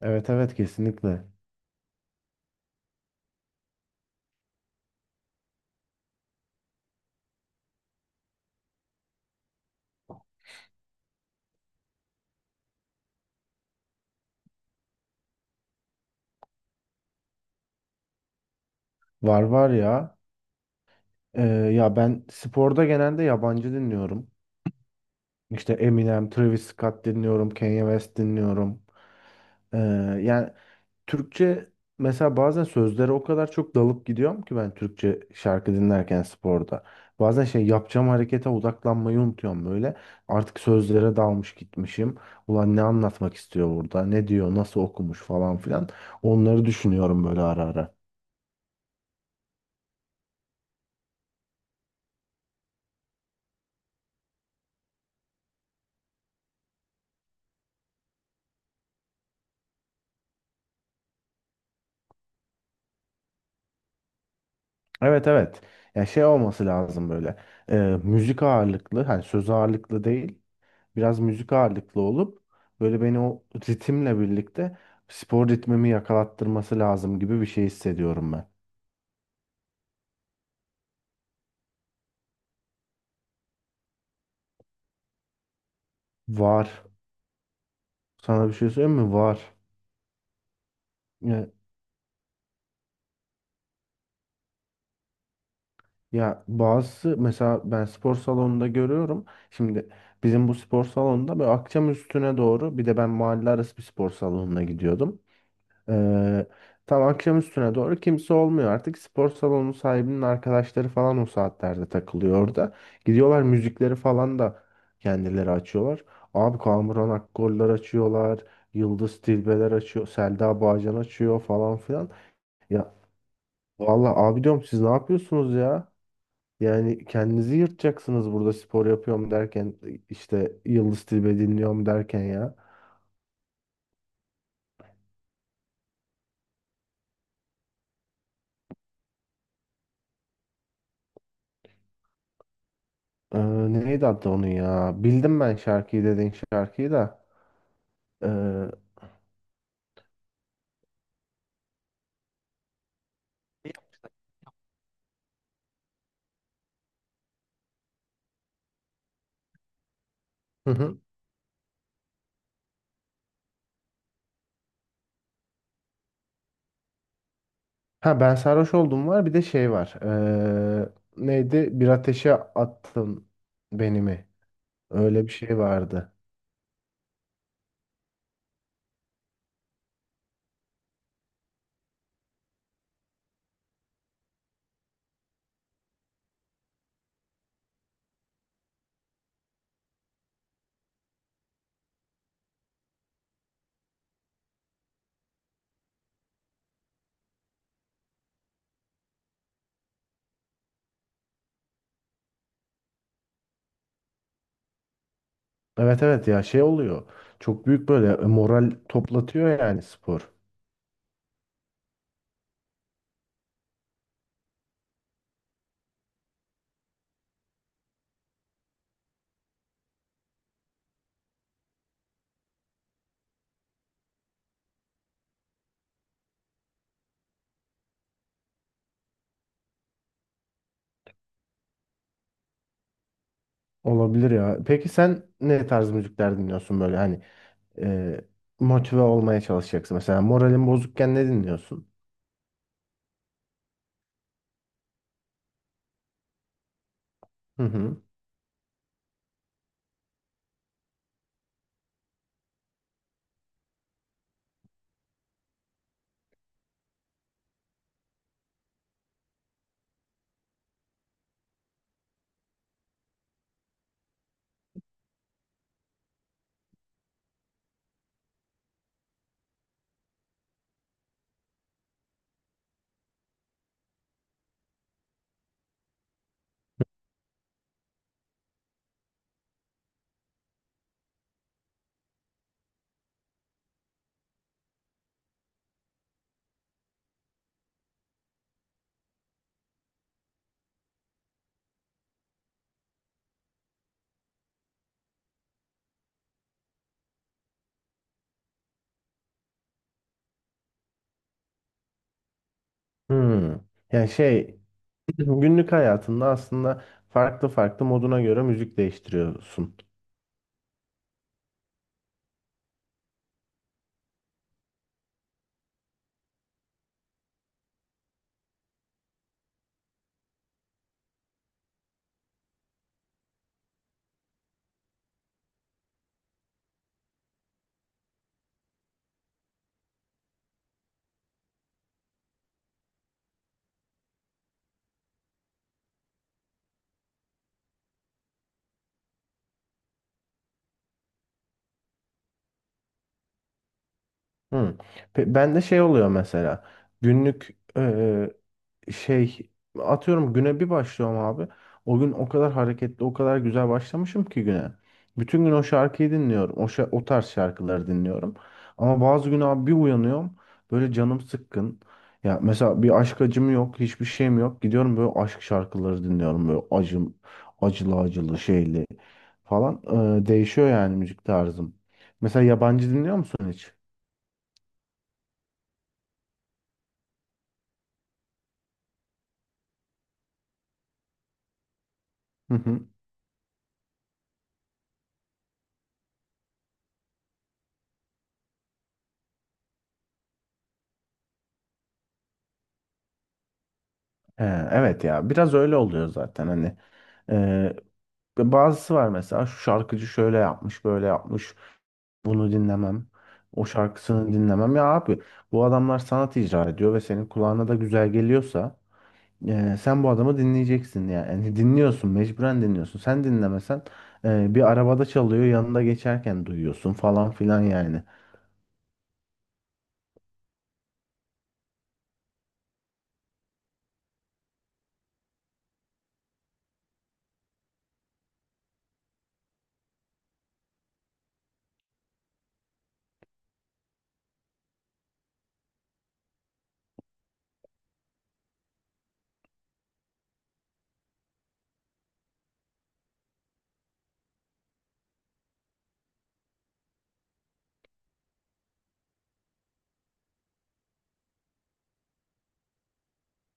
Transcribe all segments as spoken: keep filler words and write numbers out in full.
Evet evet, kesinlikle. Var var ya. Ee, ya ben sporda genelde yabancı dinliyorum. İşte Eminem, Travis Scott dinliyorum, Kanye West dinliyorum. Ee, Yani Türkçe, mesela bazen sözlere o kadar çok dalıp gidiyorum ki ben Türkçe şarkı dinlerken sporda. Bazen şey yapacağım, harekete odaklanmayı unutuyorum böyle. Artık sözlere dalmış gitmişim. Ulan ne anlatmak istiyor burada? Ne diyor? Nasıl okumuş falan filan. Onları düşünüyorum böyle ara ara. Evet evet. Ya şey olması lazım böyle. e, Müzik ağırlıklı, hani söz ağırlıklı değil. Biraz müzik ağırlıklı olup böyle beni o ritimle birlikte spor ritmimi yakalattırması lazım gibi bir şey hissediyorum ben. Var. Sana bir şey söyleyeyim mi? Var. Ya, ya bazısı, mesela ben spor salonunda görüyorum. Şimdi bizim bu spor salonunda böyle akşam üstüne doğru, bir de ben mahalle arası bir spor salonuna gidiyordum. Ee, Tam akşam üstüne doğru kimse olmuyor artık. Spor salonu sahibinin arkadaşları falan o saatlerde takılıyor orada. Gidiyorlar, müzikleri falan da kendileri açıyorlar. Abi Kamuran Akgorlar açıyorlar. Yıldız Tilbeler açıyor. Selda Bağcan açıyor falan filan. Ya vallahi abi, diyorum siz ne yapıyorsunuz ya? Yani kendinizi yırtacaksınız burada spor yapıyorum derken, işte Yıldız Tilbe dinliyorum derken ya. Ee, Neydi adı onun ya? Bildim ben şarkıyı, dediğin şarkıyı da. Ee, Hı hı. Ha ben sarhoş oldum var, bir de şey var. Ee, Neydi? Bir ateşe attın beni mi? Öyle bir şey vardı. Evet evet, ya şey oluyor. Çok büyük böyle e, moral toplatıyor yani spor. Olabilir ya. Peki sen ne tarz müzikler dinliyorsun böyle, hani e, motive olmaya çalışacaksın. Mesela moralin bozukken ne dinliyorsun? Hı hı. Hmm. Yani şey, günlük hayatında aslında farklı farklı, moduna göre müzik değiştiriyorsun. Hı. Pe- Ben de şey oluyor mesela, günlük eee, şey, atıyorum güne bir başlıyorum abi. O gün o kadar hareketli, o kadar güzel başlamışım ki güne. Bütün gün o şarkıyı dinliyorum. O, şa- o tarz şarkıları dinliyorum. Ama bazı gün abi bir uyanıyorum, böyle canım sıkkın. Ya mesela bir aşk acım yok, hiçbir şeyim yok. Gidiyorum böyle aşk şarkıları dinliyorum, böyle acım, acılı acılı şeyli falan. Eee, değişiyor yani müzik tarzım. Mesela yabancı dinliyor musun hiç? Hı hı. Ee, Evet, ya biraz öyle oluyor zaten hani. Ee, Bazısı var mesela, şu şarkıcı şöyle yapmış, böyle yapmış, bunu dinlemem, o şarkısını dinlemem. Ya abi, bu adamlar sanat icra ediyor ve senin kulağına da güzel geliyorsa e, sen bu adamı dinleyeceksin yani. Yani dinliyorsun, mecburen dinliyorsun, sen dinlemesen e, bir arabada çalıyor, yanında geçerken duyuyorsun falan filan yani.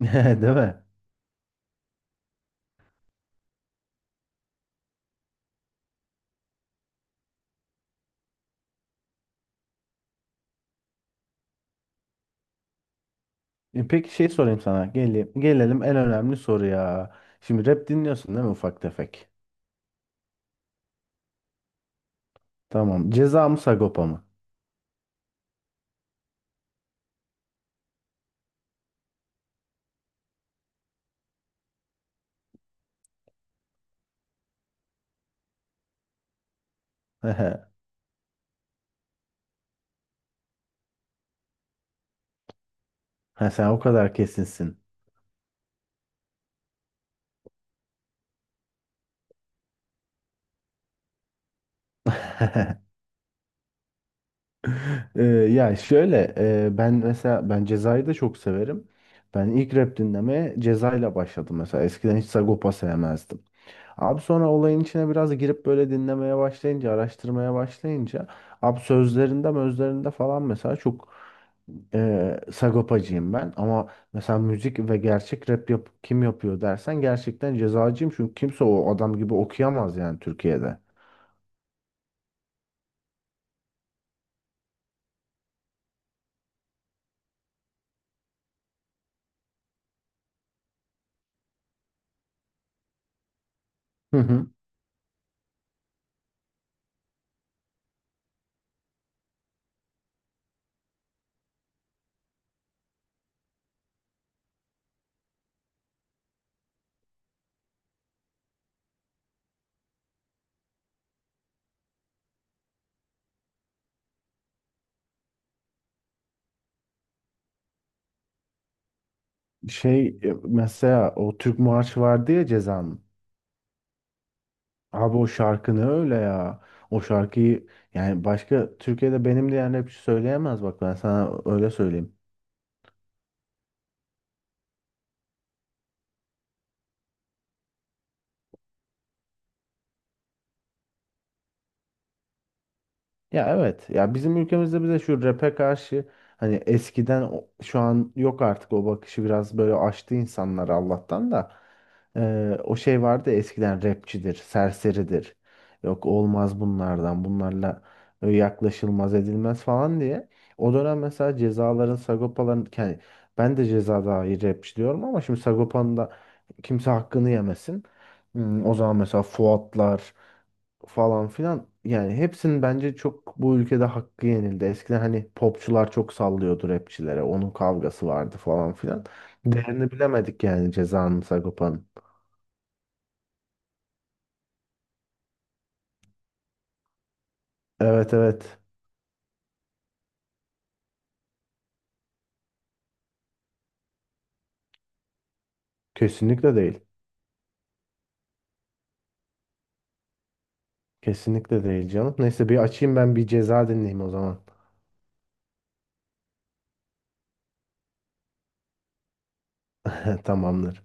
Değil mi? E, Peki şey sorayım sana, Gele- gelelim en önemli soruya. Şimdi rap dinliyorsun değil mi, ufak tefek? Tamam. Ceza mı Sagopa mı? Ha, sen o kadar kesinsin. Ee, ya şöyle, e, ben mesela ben Ceza'yı da çok severim. Ben ilk rap dinlemeye Ceza'yla başladım mesela. Eskiden hiç Sagopa sevmezdim. Abi sonra olayın içine biraz girip böyle dinlemeye başlayınca, araştırmaya başlayınca, abi sözlerinde, mözlerinde falan mesela çok e, Sagopacıyım ben. Ama mesela müzik ve gerçek rap yap kim yapıyor dersen, gerçekten Ceza'cıyım. Çünkü kimse o adam gibi okuyamaz yani Türkiye'de. Hı hı. Şey, e, mesela o Türk Marşı vardı ya Ceza'nın. Abi o şarkı ne öyle ya. O şarkıyı, yani başka Türkiye'de benim de diyen rapçi söyleyemez, bak ben sana öyle söyleyeyim. Ya evet. Ya bizim ülkemizde bize şu rap'e karşı, hani eskiden o- şu an yok artık o bakışı, biraz böyle açtı insanlar Allah'tan da. Ee, o şey vardı ya, eskiden rapçidir, serseridir. Yok, olmaz bunlardan. Bunlarla e, yaklaşılmaz, edilmez falan diye. O dönem mesela cezaların, Sagopa'ların, yani ben de ceza dair rapçi diyorum ama şimdi Sagopa'nın da kimse hakkını yemesin. Hmm, O zaman mesela Fuatlar falan filan. Yani hepsinin bence çok bu ülkede hakkı yenildi. Eskiden hani popçular çok sallıyordu rapçilere. Onun kavgası vardı falan filan. Değerini bilemedik yani Ceza'nın, Sagopa'nın. Evet evet. Kesinlikle değil. Kesinlikle değil canım. Neyse, bir açayım ben bir Ceza dinleyeyim o zaman. Tamamdır.